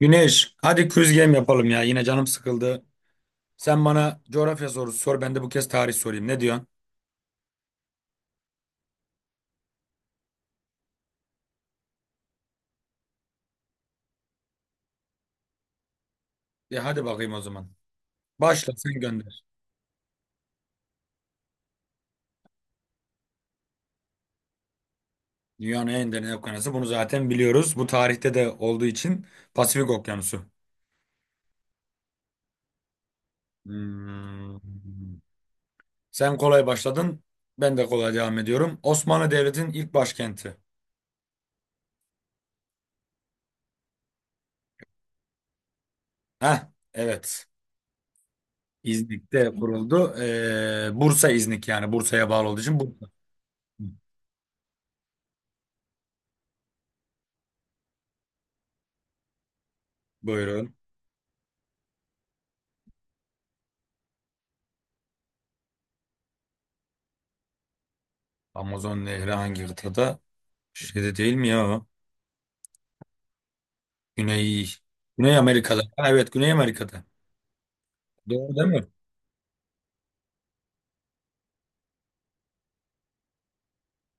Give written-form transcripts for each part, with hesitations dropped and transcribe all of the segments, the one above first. Güneş, hadi quiz game yapalım ya. Yine canım sıkıldı. Sen bana coğrafya sorusu sor, ben de bu kez tarih sorayım. Ne diyorsun? Ya hadi bakayım o zaman. Başla, sen gönder. Dünyanın en derin okyanusu. Bunu zaten biliyoruz. Bu tarihte de olduğu için Pasifik Okyanusu. Hmm. Sen kolay başladın. Ben de kolay devam ediyorum. Osmanlı Devleti'nin ilk başkenti. Heh, evet. İznik'te kuruldu. Bursa İznik yani. Bursa'ya bağlı olduğu için Bursa. Buyurun. Amazon Nehri hangi kıtada? Şeyde değil mi ya o? Güney, Güney Amerika'da. Ha, evet, Güney Amerika'da. Doğru değil mi?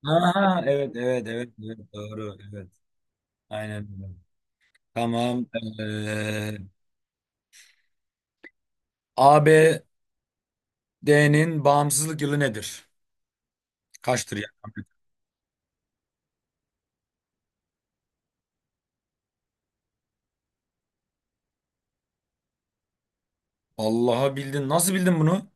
Aha, evet, evet, evet, evet, doğru, evet. Aynen öyle. Tamam. Ee, ABD'nin bağımsızlık yılı nedir? Kaçtır ya? Allah'a bildin. Nasıl bildin bunu?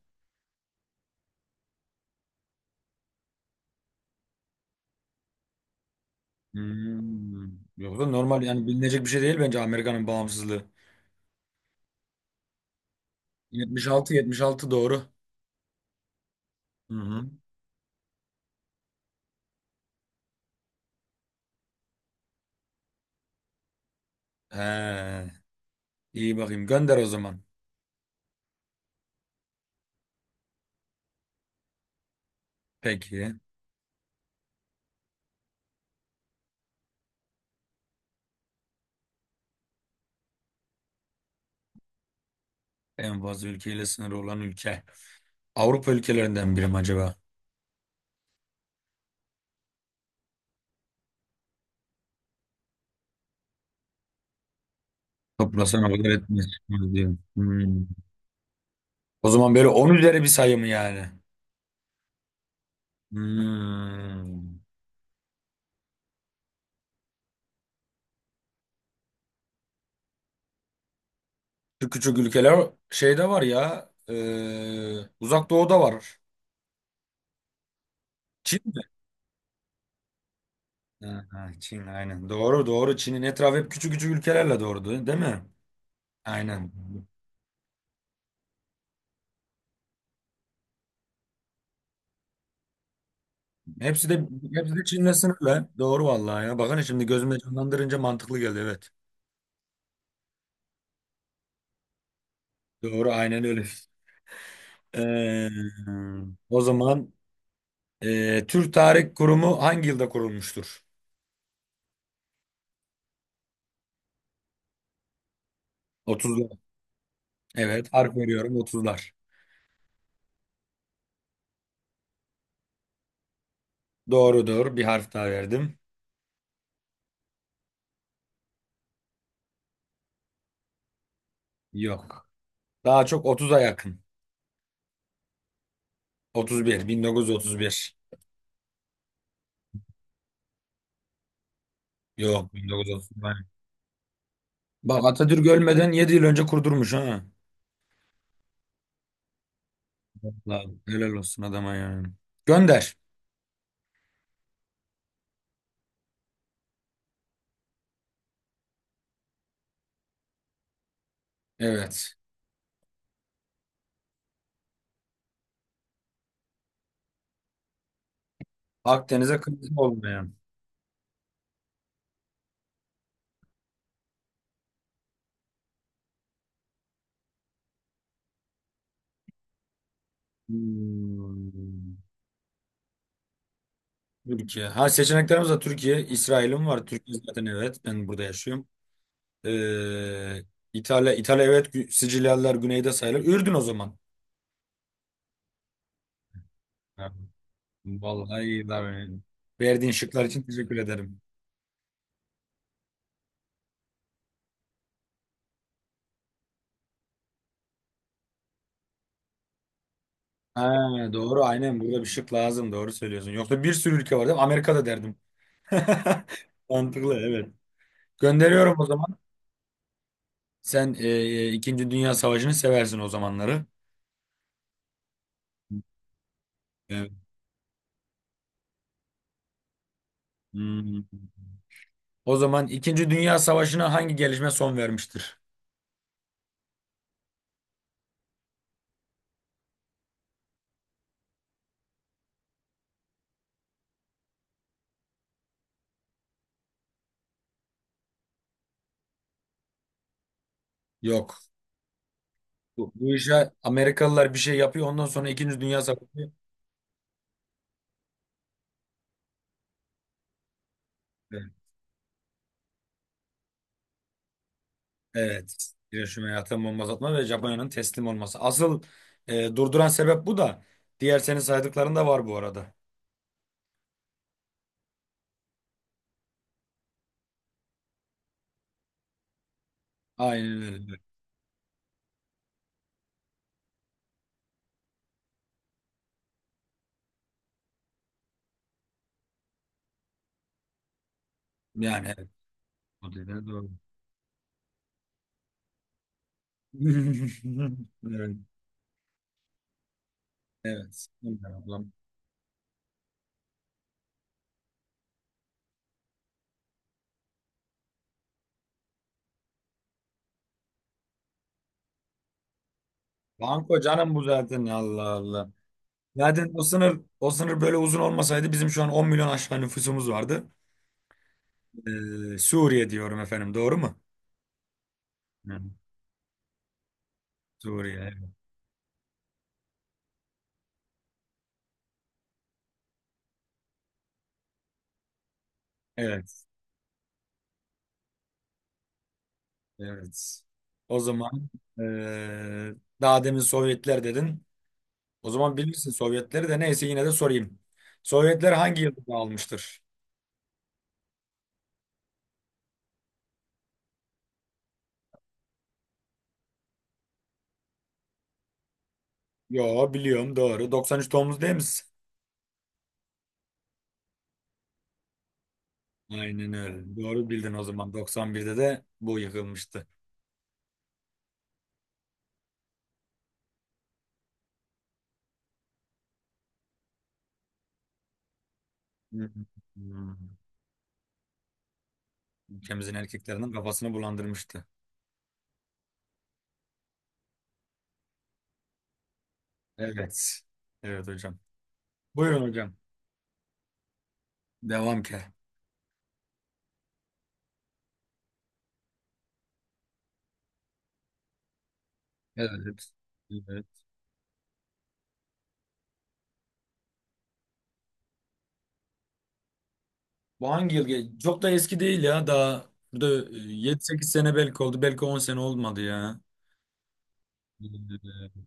Hmm. Yoksa normal yani bilinecek bir şey değil bence Amerika'nın bağımsızlığı. 76, 76 doğru. Hı hı. He, iyi bakayım. Gönder o zaman. Peki. En fazla ülkeyle sınırı olan ülke. Avrupa ülkelerinden biri mi acaba? Toplasan o kadar etmez, çıkmaz diyor. Hmm. O zaman böyle 10 üzeri bir sayı mı yani? Hmm. Şu küçük ülkeler şeyde var ya. Uzak Doğu'da var. Çin mi? Ha, ha, Çin aynen. Doğru, doğru. Çin'in etrafı hep küçük küçük ülkelerle, doğru değil mi? Aynen. Hepsi de hepsi de Çin'le sınırlı. Doğru vallahi ya. Bakın, şimdi gözümde canlandırınca mantıklı geldi, evet. Doğru, aynen öyle. Ee, o zaman Türk Tarih Kurumu hangi yılda kurulmuştur? Otuzlar. Evet, harf veriyorum 30'lar. Doğrudur. Bir harf daha verdim. Yok. Daha çok 30'a yakın. 31, 1931. Yok, 1931. Bak, Atatürk ölmeden 7 yıl önce kurdurmuş ha. Vallahi helal olsun adama yani. Gönder. Evet. Akdeniz'e kırmızı olmayan. Hmm. Türkiye. Ha, seçeneklerimiz de Türkiye. İsrail'im var. Türkiye zaten, evet. Ben burada yaşıyorum. Ee, İtalya, evet. Sicilyalılar güneyde sayılır. Ürdün o zaman. Ha, vallahi iyi lan benim. Verdiğin şıklar için teşekkür ederim. Ha, doğru, aynen burada bir şık lazım. Doğru söylüyorsun. Yoksa bir sürü ülke var değil mi? Amerika'da derdim. Mantıklı, evet. Gönderiyorum o zaman. Sen İkinci Dünya Savaşı'nı seversin o zamanları. Evet. Hmm. O zaman İkinci Dünya Savaşı'na hangi gelişme son vermiştir? Yok. Bu işe Amerikalılar bir şey yapıyor. Ondan sonra İkinci Dünya Savaşı. Evet. Evet. Hiroşima ve atom bombası atma ve Japonya'nın teslim olması. Asıl durduran sebep bu da. Diğer senin saydıkların da var bu arada. Aynen öyle. Yani evet. O dediğin doğru. Evet. Evet. Allah'ım. Banko canım bu zaten. Allah Allah. Zaten o sınır böyle uzun olmasaydı bizim şu an 10 milyon aşağı nüfusumuz vardı. Suriye diyorum, efendim, doğru mu? Hı. Suriye. Evet, evet. Evet. O zaman ee, daha demin Sovyetler dedin. O zaman bilirsin Sovyetleri de, neyse yine de sorayım. Sovyetler hangi yılda dağılmıştır? Yo, biliyorum, doğru. 93 Tomuz değil misin? Aynen öyle. Doğru bildin o zaman. 91'de de bu yıkılmıştı. Hı hı. Hı. Ülkemizin erkeklerinin kafasını bulandırmıştı. Evet. Evet hocam. Buyurun hocam. Devam ke. Evet. Evet. Bu hangi yıl? Ge? Çok da eski değil ya. Daha burada 7-8 sene belki oldu. Belki 10 sene olmadı ya.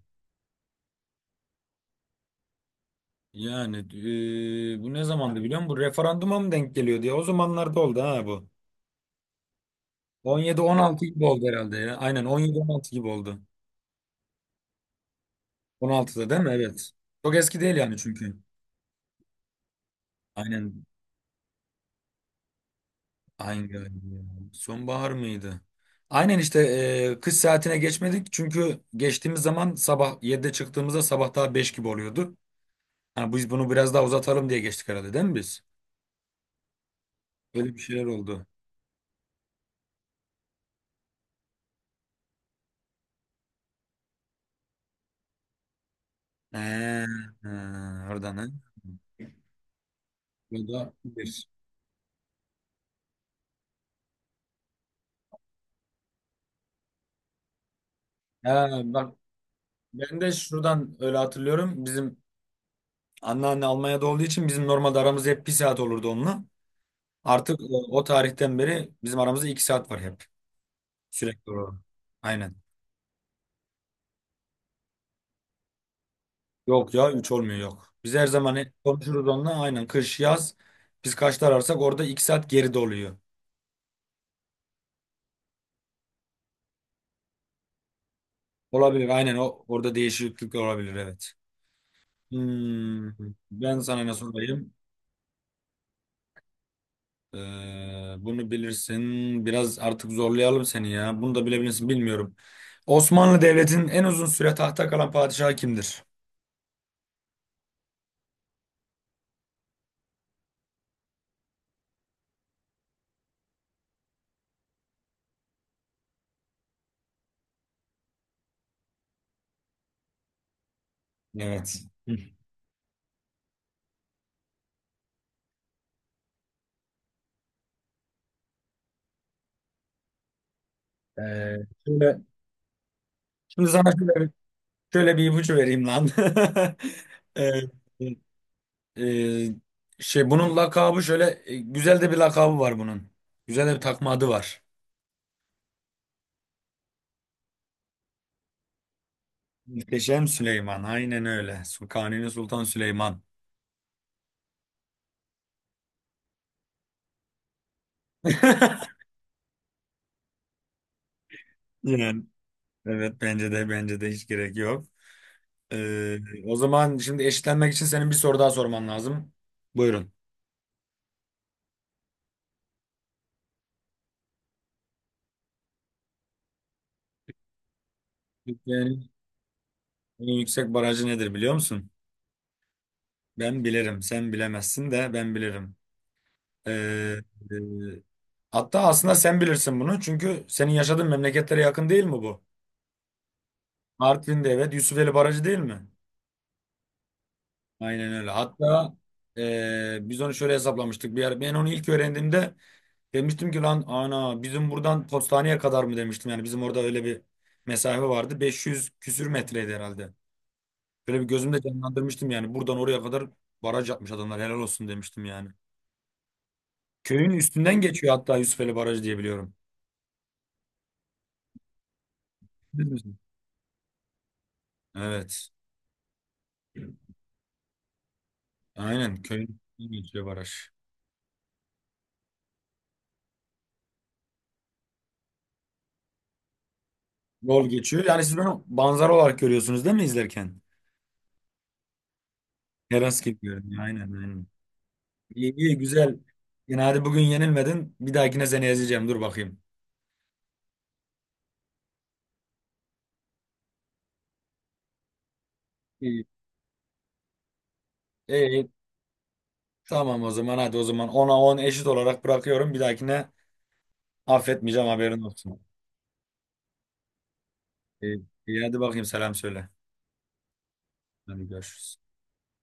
Yani bu ne zamandı biliyor musun? Bu referanduma mı denk geliyordu ya? O zamanlarda oldu ha bu. 17, 16 gibi oldu herhalde ya. Aynen 17, 16 gibi oldu. 16'da değil mi? Evet. Çok eski değil yani, çünkü. Aynen. Hangi ay ya? Sonbahar mıydı? Aynen işte kış saatine geçmedik. Çünkü geçtiğimiz zaman sabah 7'de çıktığımızda sabah daha 5 gibi oluyordu. Ha, biz bunu biraz daha uzatalım diye geçtik herhalde, değil mi biz? Böyle bir şeyler oldu. He, he, oradan ha. Bu da bir. Ha, bak, ben de şuradan öyle hatırlıyorum. Bizim anneanne Almanya'da olduğu için bizim normalde aramız hep bir saat olurdu onunla. Artık o tarihten beri bizim aramızda 2 saat var hep. Sürekli olarak. Aynen. Yok ya, üç olmuyor, yok. Biz her zaman hep konuşuruz onunla. Aynen, kış yaz. Biz kaçta ararsak orada 2 saat geride oluyor. Olabilir, aynen, o orada değişiklik olabilir, evet. Hmm, ben sana ne sorayım? Ee, bunu bilirsin. Biraz artık zorlayalım seni ya. Bunu da bilebilirsin, bilmiyorum. Osmanlı Devleti'nin en uzun süre tahtta kalan padişahı kimdir? Evet. Hı. Ee, şöyle, şimdi sana şöyle, şöyle bir ipucu vereyim lan. Ee, e, şey, bunun lakabı şöyle, güzel de bir lakabı var bunun. Güzel de bir takma adı var. Muhteşem Süleyman. Aynen öyle. Kanuni Sultan Süleyman. Yani. Evet, bence de hiç gerek yok. Ee, o zaman şimdi eşitlenmek için senin bir soru daha sorman lazım. Buyurun. Türkiye'nin en yüksek barajı nedir biliyor musun? Ben bilirim. Sen bilemezsin de ben bilirim. Ee, e, hatta aslında sen bilirsin bunu. Çünkü senin yaşadığın memleketlere yakın değil mi bu? Artvin'de, evet, Yusufeli Barajı değil mi? Aynen öyle. Hatta biz onu şöyle hesaplamıştık. Bir ara, ben onu ilk öğrendiğimde demiştim ki, lan ana, bizim buradan postaneye kadar mı demiştim. Yani bizim orada öyle bir mesafe vardı. 500 küsür metreydi herhalde. Böyle bir gözümde canlandırmıştım yani. Buradan oraya kadar baraj yapmış adamlar, helal olsun demiştim yani. Köyün üstünden geçiyor hatta, Yusufeli Barajı diye biliyorum. Bilir misin? Evet. Aynen, köyün üstünden geçiyor baraj. Yol geçiyor. Yani siz bunu manzara olarak görüyorsunuz değil mi izlerken? Teras gibi görünüyor. Aynen, aynen. İyi, iyi, güzel. Yani hadi bugün yenilmedin. Bir dahakine seni ezeceğim. Dur bakayım. İyi. İyi. Tamam, o zaman hadi, o zaman ona 10 eşit olarak bırakıyorum. Bir dahakine affetmeyeceğim, haberin olsun. İyi, iyi, hadi bakayım, selam söyle. Hadi görüşürüz.